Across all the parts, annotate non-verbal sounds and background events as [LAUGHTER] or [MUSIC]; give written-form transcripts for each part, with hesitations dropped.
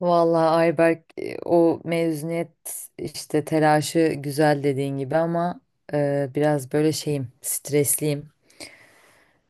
Vallahi Ayberk, o mezuniyet işte telaşı güzel dediğin gibi ama biraz böyle şeyim stresliyim.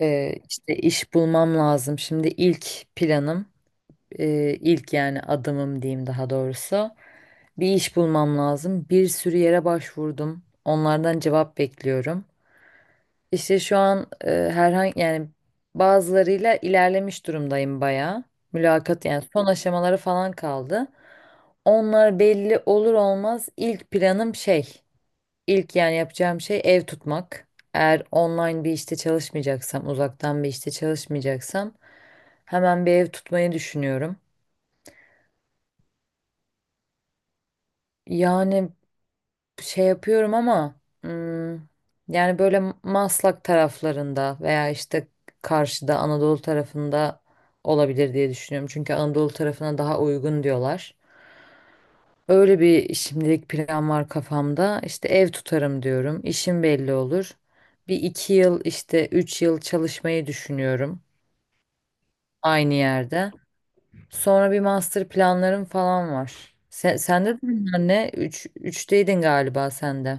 İşte iş bulmam lazım. Şimdi ilk planım, ilk yani adımım diyeyim daha doğrusu bir iş bulmam lazım. Bir sürü yere başvurdum. Onlardan cevap bekliyorum. İşte şu an, herhangi yani bazılarıyla ilerlemiş durumdayım bayağı. Mülakat yani son aşamaları falan kaldı. Onlar belli olur olmaz ilk planım şey, ilk yani yapacağım şey ev tutmak. Eğer online bir işte çalışmayacaksam, uzaktan bir işte çalışmayacaksam hemen bir ev tutmayı düşünüyorum. Yani şey yapıyorum ama hmm, yani böyle Maslak taraflarında veya işte karşıda Anadolu tarafında olabilir diye düşünüyorum. Çünkü Anadolu tarafına daha uygun diyorlar. Öyle bir şimdilik plan var kafamda. İşte ev tutarım diyorum. İşim belli olur. Bir 2 yıl işte 3 yıl çalışmayı düşünüyorum aynı yerde. Sonra bir master planlarım falan var. Sende de bunlar ne? Üçteydin galiba sende.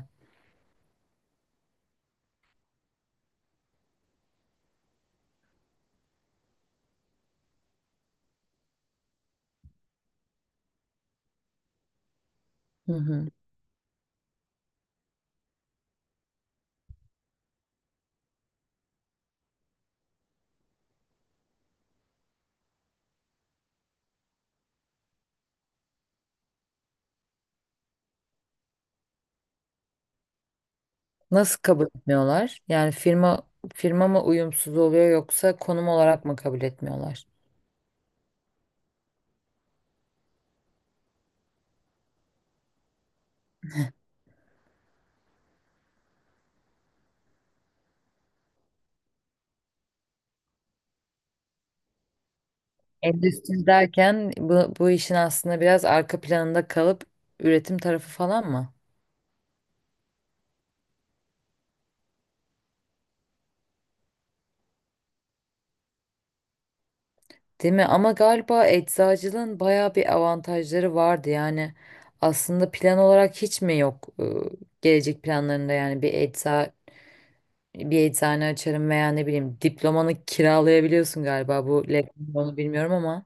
Hı hı. Nasıl kabul etmiyorlar? Yani firma mı uyumsuz oluyor yoksa konum olarak mı kabul etmiyorlar? Endüstri derken bu işin aslında biraz arka planında kalıp üretim tarafı falan mı? Değil mi? Ama galiba eczacılığın bayağı bir avantajları vardı. Yani aslında plan olarak hiç mi yok, gelecek planlarında yani bir eczane açarım veya ne bileyim diplomanı kiralayabiliyorsun galiba bu onu bilmiyorum ama.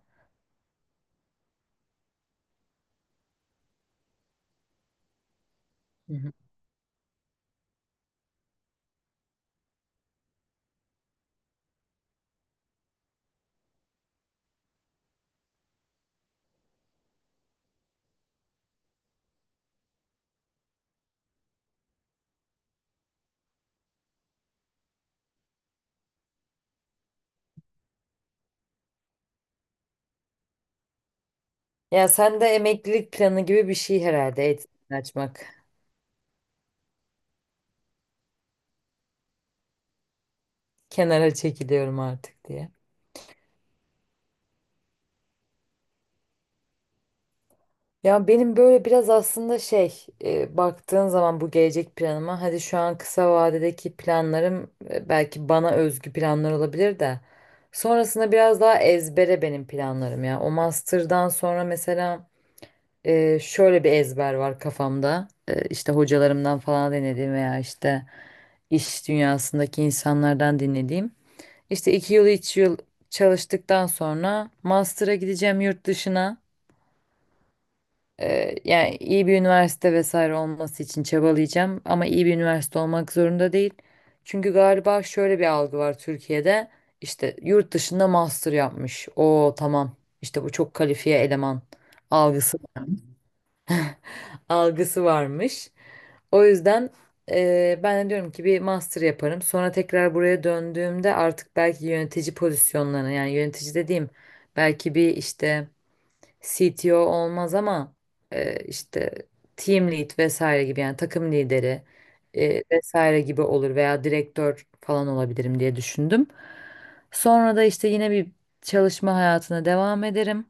Hı. Ya sen de emeklilik planı gibi bir şey herhalde eğitim açmak. Kenara çekiliyorum artık diye. Ya benim böyle biraz aslında şey, baktığın zaman bu gelecek planıma hadi şu an kısa vadedeki planlarım, belki bana özgü planlar olabilir de sonrasında biraz daha ezbere benim planlarım ya. O master'dan sonra mesela, şöyle bir ezber var kafamda. İşte hocalarımdan falan dinlediğim veya işte iş dünyasındaki insanlardan dinlediğim. İşte 2 yıl 3 yıl çalıştıktan sonra master'a gideceğim yurt dışına. Yani iyi bir üniversite vesaire olması için çabalayacağım ama iyi bir üniversite olmak zorunda değil. Çünkü galiba şöyle bir algı var Türkiye'de. İşte yurt dışında master yapmış. O tamam. İşte bu çok kalifiye eleman algısı algısı varmış. O yüzden, ben de diyorum ki bir master yaparım. Sonra tekrar buraya döndüğümde artık belki yönetici pozisyonlarına yani yönetici dediğim belki bir işte CTO olmaz ama, işte team lead vesaire gibi yani takım lideri, vesaire gibi olur veya direktör falan olabilirim diye düşündüm. Sonra da işte yine bir çalışma hayatına devam ederim.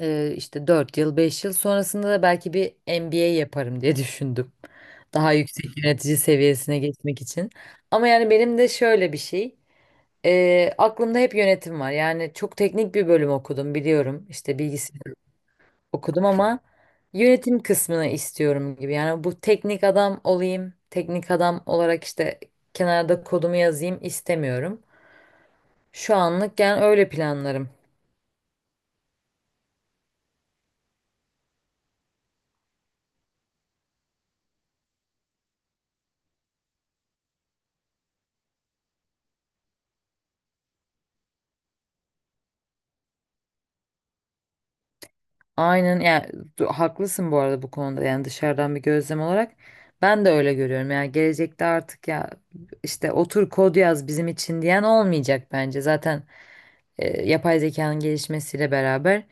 İşte 4 yıl 5 yıl sonrasında da belki bir MBA yaparım diye [LAUGHS] düşündüm. Daha yüksek yönetici seviyesine geçmek için. Ama yani benim de şöyle bir şey. Aklımda hep yönetim var. Yani çok teknik bir bölüm okudum biliyorum. İşte bilgisayar okudum ama yönetim kısmını istiyorum gibi. Yani bu teknik adam olayım, teknik adam olarak işte kenarda kodumu yazayım istemiyorum. Şu anlık yani öyle planlarım. Aynen yani, haklısın bu arada bu konuda. Yani dışarıdan bir gözlem olarak ben de öyle görüyorum. Yani gelecekte artık ya işte otur kod yaz bizim için diyen olmayacak bence zaten, yapay zekanın gelişmesiyle beraber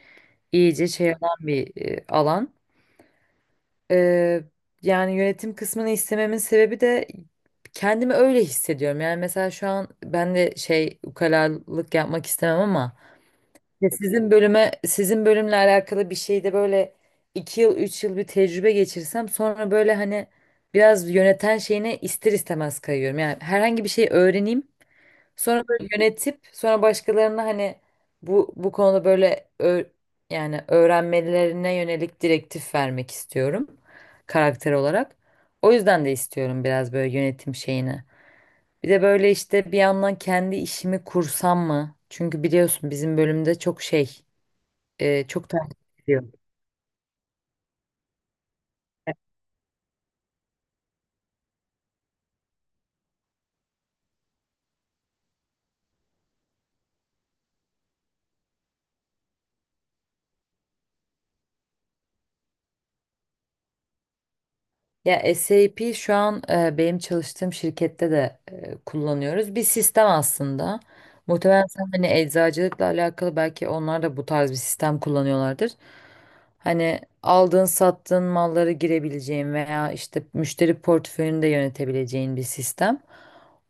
iyice şey olan bir alan. E, Yani yönetim kısmını istememin sebebi de kendimi öyle hissediyorum. Yani mesela şu an ben de şey ukalalık yapmak istemem ama ya, sizin bölüme, sizin bölümle alakalı bir şeyde böyle 2 yıl, 3 yıl bir tecrübe geçirsem sonra böyle hani biraz yöneten şeyine ister istemez kayıyorum. Yani herhangi bir şey öğreneyim, sonra böyle yönetip sonra başkalarına hani bu konuda böyle yani öğrenmelerine yönelik direktif vermek istiyorum karakter olarak. O yüzden de istiyorum biraz böyle yönetim şeyini. Bir de böyle işte bir yandan kendi işimi kursam mı? Çünkü biliyorsun bizim bölümde çok şey, çok takip ediyor. Ya SAP şu an, benim çalıştığım şirkette de, kullanıyoruz. Bir sistem aslında. Muhtemelen sen hani eczacılıkla alakalı belki onlar da bu tarz bir sistem kullanıyorlardır. Hani aldığın sattığın malları girebileceğin veya işte müşteri portföyünü de yönetebileceğin bir sistem.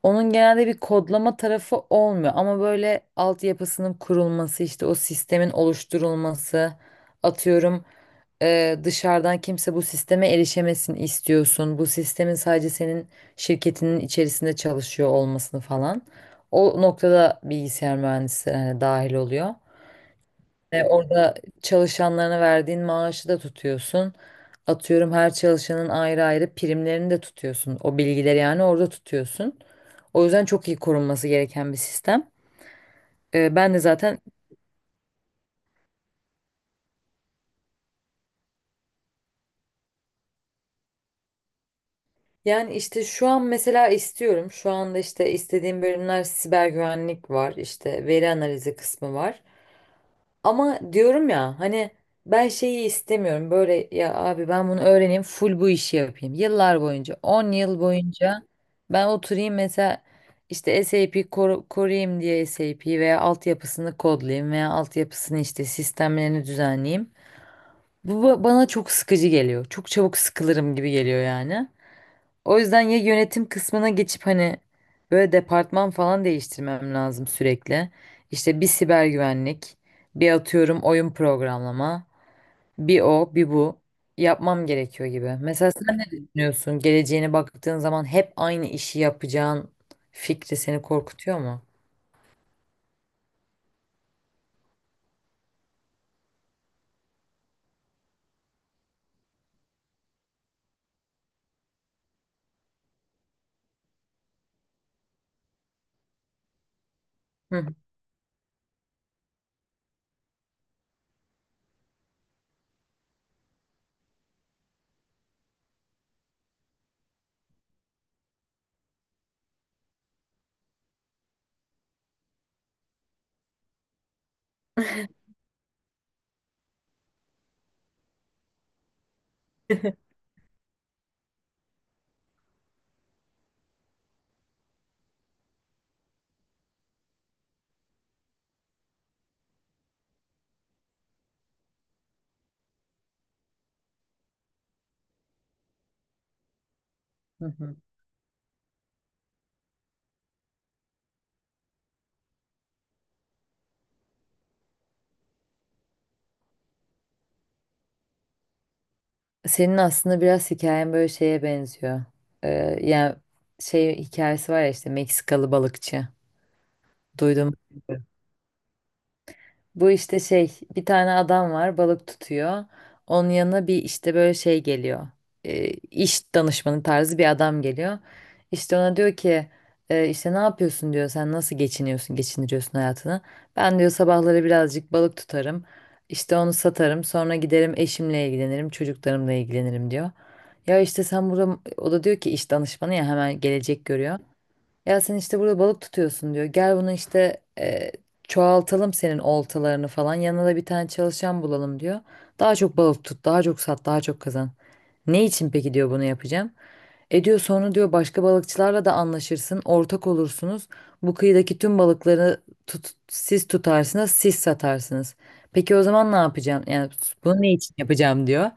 Onun genelde bir kodlama tarafı olmuyor ama böyle altyapısının kurulması işte o sistemin oluşturulması atıyorum. Dışarıdan kimse bu sisteme erişemesin istiyorsun. Bu sistemin sadece senin şirketinin içerisinde çalışıyor olmasını falan. O noktada bilgisayar mühendisleri hani dahil oluyor. Ve orada çalışanlarına verdiğin maaşı da tutuyorsun. Atıyorum her çalışanın ayrı ayrı primlerini de tutuyorsun. O bilgileri yani orada tutuyorsun. O yüzden çok iyi korunması gereken bir sistem. Ben de zaten. Yani işte şu an mesela istiyorum. Şu anda işte istediğim bölümler siber güvenlik var, işte veri analizi kısmı var. Ama diyorum ya hani ben şeyi istemiyorum. Böyle ya abi ben bunu öğreneyim, full bu işi yapayım. Yıllar boyunca, 10 yıl boyunca ben oturayım mesela işte koruyayım diye SAP veya altyapısını kodlayayım veya altyapısını işte sistemlerini düzenleyeyim. Bu bana çok sıkıcı geliyor. Çok çabuk sıkılırım gibi geliyor yani. O yüzden ya yönetim kısmına geçip hani böyle departman falan değiştirmem lazım sürekli. İşte bir siber güvenlik, bir atıyorum oyun programlama, bir o, bir bu yapmam gerekiyor gibi. Mesela sen ne düşünüyorsun? Geleceğine baktığın zaman hep aynı işi yapacağın fikri seni korkutuyor mu? Hı hı. [LAUGHS] hı. Senin aslında biraz hikayen böyle şeye benziyor. Ee, Yani şey hikayesi var ya işte Meksikalı balıkçı. Duydum. Bu işte şey bir tane adam var balık tutuyor. Onun yanına bir işte böyle şey geliyor. İş danışmanı tarzı bir adam geliyor. İşte ona diyor ki, işte ne yapıyorsun diyor sen nasıl geçiniyorsun geçindiriyorsun hayatını. Ben diyor sabahları birazcık balık tutarım. İşte onu satarım sonra giderim eşimle ilgilenirim çocuklarımla ilgilenirim diyor. Ya işte sen burada o da diyor ki iş danışmanı ya hemen gelecek görüyor. Ya sen işte burada balık tutuyorsun diyor. Gel bunu işte, çoğaltalım senin oltalarını falan. Yanına da bir tane çalışan bulalım diyor. Daha çok balık tut, daha çok sat, daha çok kazan. Ne için peki diyor bunu yapacağım. E diyor sonra diyor başka balıkçılarla da anlaşırsın, ortak olursunuz. Bu kıyıdaki tüm balıkları tut, siz tutarsınız, siz satarsınız. Peki o zaman ne yapacağım? Yani bunu ne için yapacağım diyor.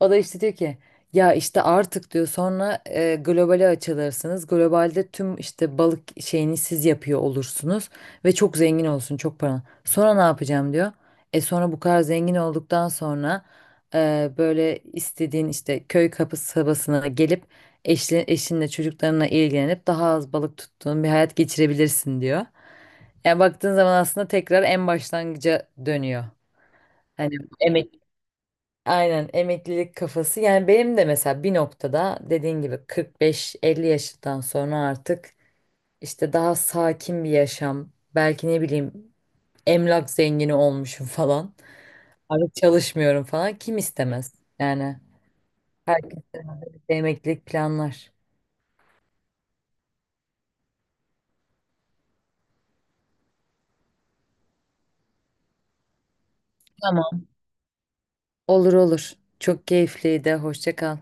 O da işte diyor ki ya işte artık diyor sonra, globale açılırsınız. Globalde tüm işte balık şeyini siz yapıyor olursunuz ve çok zengin olsun çok para. Sonra ne yapacağım diyor. E sonra bu kadar zengin olduktan sonra, böyle istediğin işte köy kapısı sabasına gelip eşinle çocuklarına ilgilenip daha az balık tuttuğun bir hayat geçirebilirsin diyor. Yani baktığın zaman aslında tekrar en başlangıca dönüyor. Hani. Aynen, emeklilik kafası. Yani benim de mesela bir noktada dediğin gibi 45-50 yaşından sonra artık işte daha sakin bir yaşam, belki ne bileyim emlak zengini olmuşum falan. Artık çalışmıyorum falan. Kim istemez? Yani herkes de emeklilik planlar. Tamam. Olur olur. Çok keyifliydi. Hoşça kal.